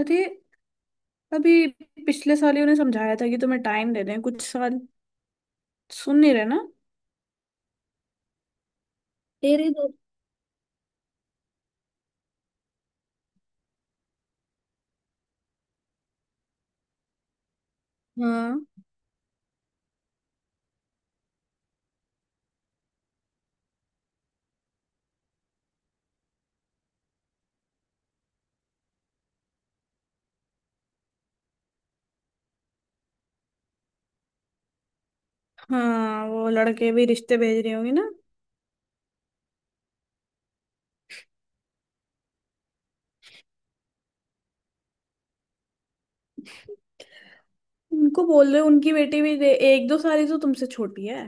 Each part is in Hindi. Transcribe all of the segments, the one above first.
अरे, अभी पिछले साल ही उन्हें समझाया था कि तुम्हें टाइम दे दें कुछ साल। सुन नहीं रहे ना तेरे। हाँ, हाँ वो लड़के भी रिश्ते भेज रही होंगी ना। उनको बोल रहे उनकी बेटी भी दे, एक दो साल ही तो तुमसे छोटी है।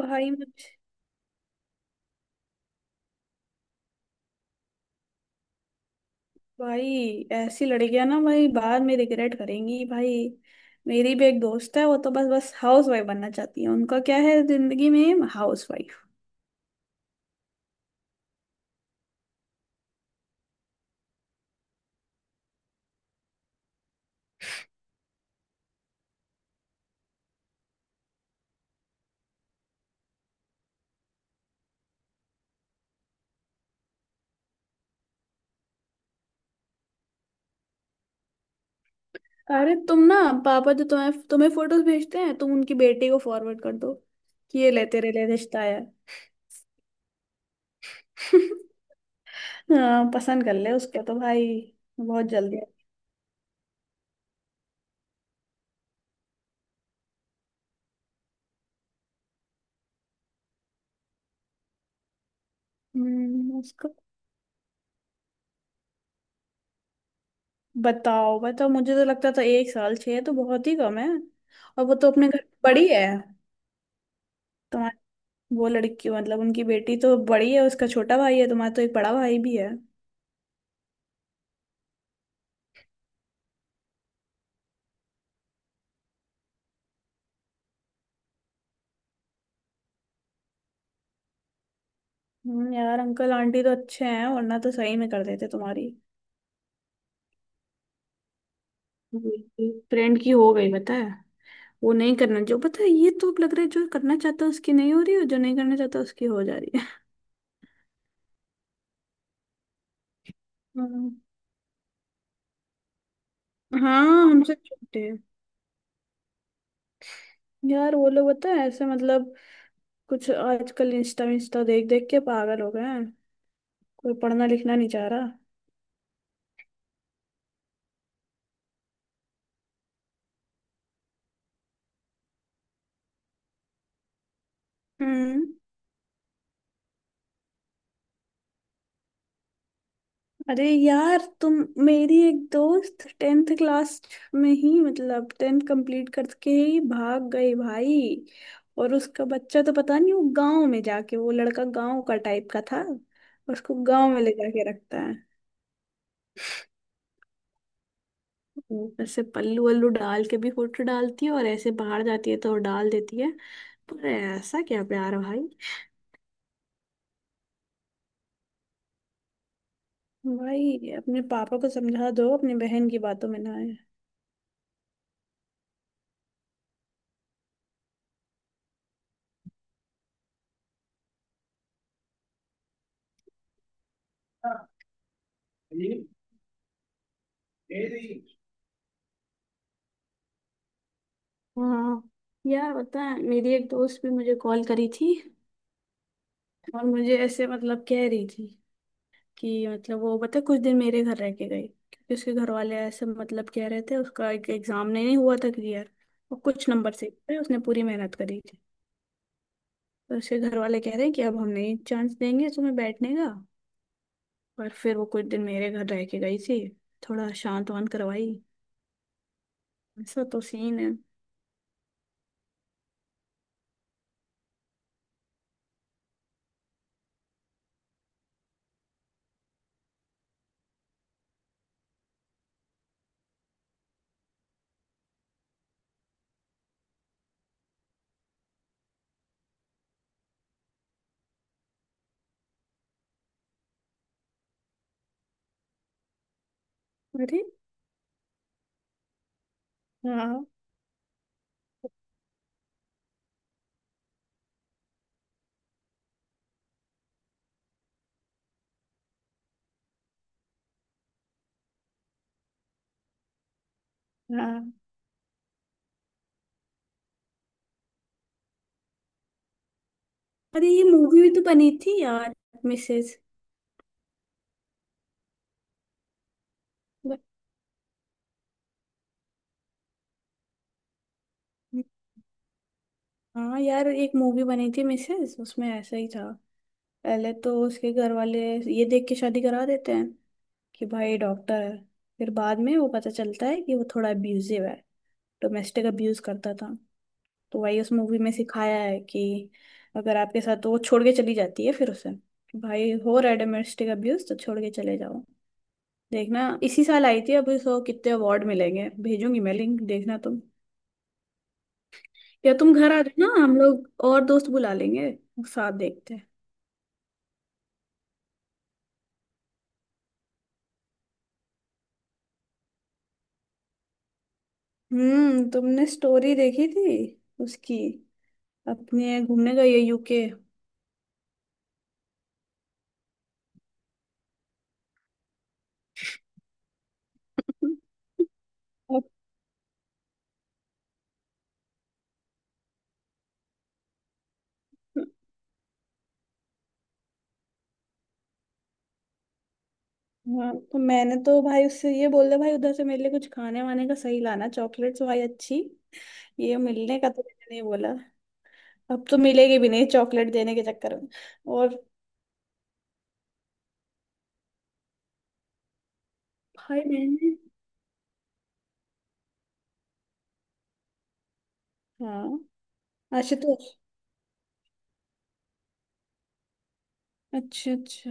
भाई मुझे, भाई ऐसी लड़कियां ना भाई बाद में रिग्रेट करेंगी भाई। मेरी भी एक दोस्त है, वो तो बस बस हाउस वाइफ बनना चाहती है। उनका क्या है जिंदगी में हाउस। अरे तुम ना, पापा जो तुम्हें तुम्हें फोटोज भेजते हैं, तुम उनकी बेटी को फॉरवर्ड कर दो कि ये ले तेरे लिए रिश्ता आया है। हाँ पसंद कर ले उसको तो भाई। बहुत जल्दी है। उसको बताओ बताओ, मुझे तो लगता था एक साल। छह तो बहुत ही कम है। और वो तो अपने घर में बड़ी है। तुम्हारी वो लड़की मतलब उनकी बेटी तो बड़ी है, उसका छोटा भाई है। तुम्हारा तो एक बड़ा भाई भी है। यार अंकल आंटी तो अच्छे हैं, वरना तो सही में कर देते तुम्हारी। फ्रेंड की हो गई पता है। वो नहीं करना जो पता है, ये तो अब लग रहा है जो करना चाहता है उसकी नहीं हो रही, और जो नहीं करना चाहता उसकी हो जा रही है। हम्म। हाँ, हमसे छोटे हैं। यार वो लोग पता है ऐसे मतलब कुछ आजकल इंस्टा इंस्टा देख देख के पागल हो गए हैं। कोई पढ़ना लिखना नहीं चाह रहा। हम्म। अरे यार तुम, मेरी एक दोस्त टेंथ क्लास में ही मतलब टेंथ कंप्लीट करके ही भाग गई भाई। और उसका बच्चा तो पता नहीं, वो गांव में जाके वो लड़का गांव का टाइप का था। उसको गांव में ले जाके रखता है। ऊपर से पल्लू वल्लू डाल के भी फोटो डालती है, और ऐसे बाहर जाती है तो डाल देती है। पर ऐसा क्या प्यार भाई। भाई अपने पापा को समझा दो अपनी बहन की बातों में ना आए। हाँ यार पता है, मेरी एक दोस्त भी मुझे कॉल करी थी। और मुझे ऐसे मतलब कह रही थी कि मतलब वो पता है, कुछ दिन मेरे घर रह के गई क्योंकि उसके घर वाले ऐसे मतलब कह रहे थे, उसका एक एग्जाम नहीं हुआ था क्लियर। और कुछ नंबर से पे उसने पूरी मेहनत करी थी। तो उसके घर वाले कह रहे हैं कि अब हम नहीं चांस देंगे तुम्हें बैठने का। और फिर वो कुछ दिन मेरे घर रह के गई थी, थोड़ा शांत वांत करवाई। ऐसा तो सीन है। अरे। हाँ। हाँ, अरे ये मूवी भी तो बनी थी यार, मिसेज। हाँ यार एक मूवी बनी थी मिसेस, उसमें ऐसा ही था। पहले तो उसके घर वाले ये देख के शादी करा देते हैं कि भाई डॉक्टर है, फिर बाद में वो पता चलता है कि वो थोड़ा अब्यूजिव है, डोमेस्टिक अब्यूज करता था। तो वही उस मूवी में सिखाया है कि अगर आपके साथ, तो वो छोड़ के चली जाती है, फिर उसे कि भाई हो रहा है डोमेस्टिक अब्यूज तो छोड़ के चले जाओ। देखना इसी साल आई थी, अब इसको कितने अवार्ड मिलेंगे। भेजूंगी मैं लिंक, देखना तुम। या तुम घर आ जाना, हम लोग और दोस्त बुला लेंगे, साथ देखते हैं। तुमने स्टोरी देखी थी उसकी? अपने घूमने गई है यूके। हाँ तो मैंने तो भाई उससे ये बोल दिया भाई, उधर से मेरे लिए कुछ खाने वाने का सही लाना, चॉकलेट्स भाई अच्छी। ये मिलने का तो मैंने नहीं बोला। अब तो मिलेगी भी नहीं चॉकलेट देने के चक्कर में। और भाई मैंने। हाँ। आशुतोष। अच्छा, अच्छा।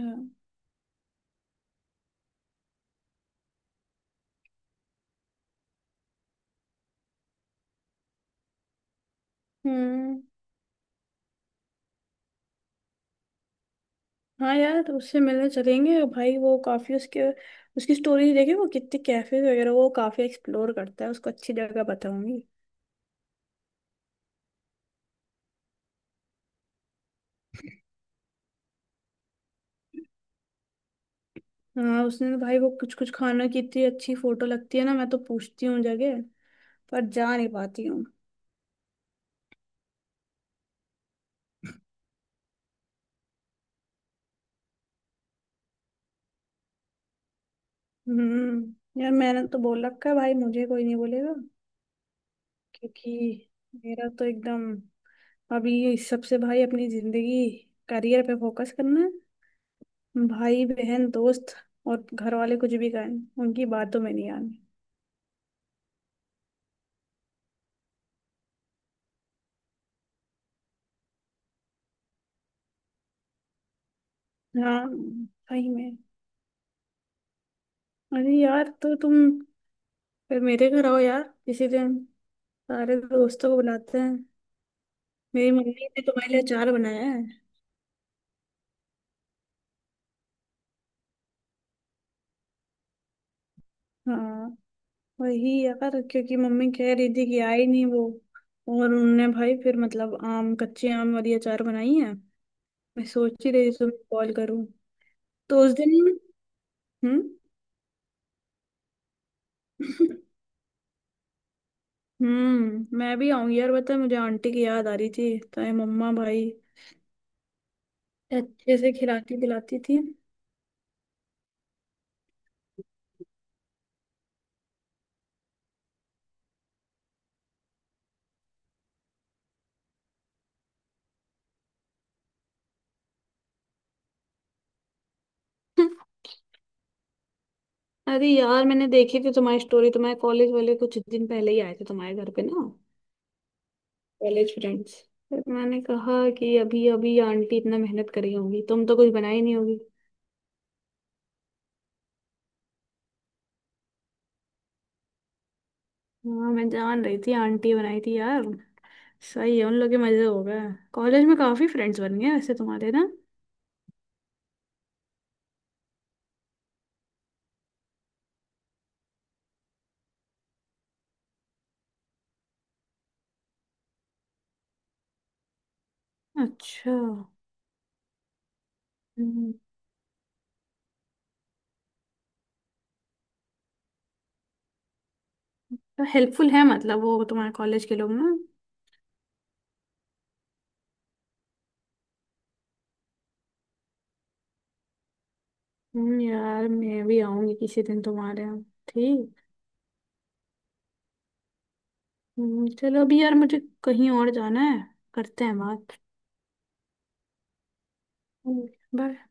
हम्म। हाँ यार तो उससे मिलने चलेंगे भाई, वो काफी उसके, उसकी स्टोरी देखी, वो कितने कैफे वगैरह वो काफी एक्सप्लोर करता है, उसको अच्छी जगह बताऊंगी। हाँ उसने तो भाई वो कुछ कुछ खाना की इतनी अच्छी फोटो लगती है ना, मैं तो पूछती हूँ जगह, पर जा नहीं पाती हूँ। यार मैंने तो बोल रखा है भाई मुझे कोई नहीं बोलेगा। क्योंकि मेरा तो एकदम, अभी ये इस सबसे भाई अपनी जिंदगी करियर पे फोकस करना है। भाई बहन दोस्त और घर वाले कुछ भी कहें उनकी बातों में नहीं आना। हाँ सही में। अरे यार तो तुम फिर मेरे घर आओ यार किसी दिन, सारे दोस्तों को बुलाते हैं। मेरी मम्मी ने तुम्हारे लिए अचार बनाया है। हाँ वही यार, क्योंकि मम्मी कह रही थी कि आई नहीं वो। और उन्होंने भाई फिर मतलब आम, कच्चे आम वाली अचार बनाई है। मैं सोच ही रही थी तुम्हें कॉल करूँ तो उस दिन। हम्म। हम्म, मैं भी आऊंगी यार, बता मुझे आंटी की याद आ रही थी तो ये मम्मा भाई अच्छे से खिलाती पिलाती थी। अरे यार मैंने देखी थी तुम्हारी स्टोरी, तुम्हारे कॉलेज वाले कुछ दिन पहले ही आए थे तुम्हारे घर पे ना, कॉलेज फ्रेंड्स। फिर मैंने कहा कि अभी अभी आंटी इतना मेहनत करी होगी, तुम तो कुछ बनाई नहीं होगी। हाँ मैं जान रही थी आंटी बनाई थी यार। सही है उन लोग के मजे हो गए। कॉलेज में काफी फ्रेंड्स बन गए वैसे तुम्हारे ना। अच्छा। हम्म, तो हेल्पफुल है मतलब वो तुम्हारे कॉलेज के लोग ना। यार मैं भी आऊंगी किसी दिन तुम्हारे यहाँ, ठीक? चलो अभी यार मुझे कहीं और जाना है, करते हैं बात। हम्म। बस।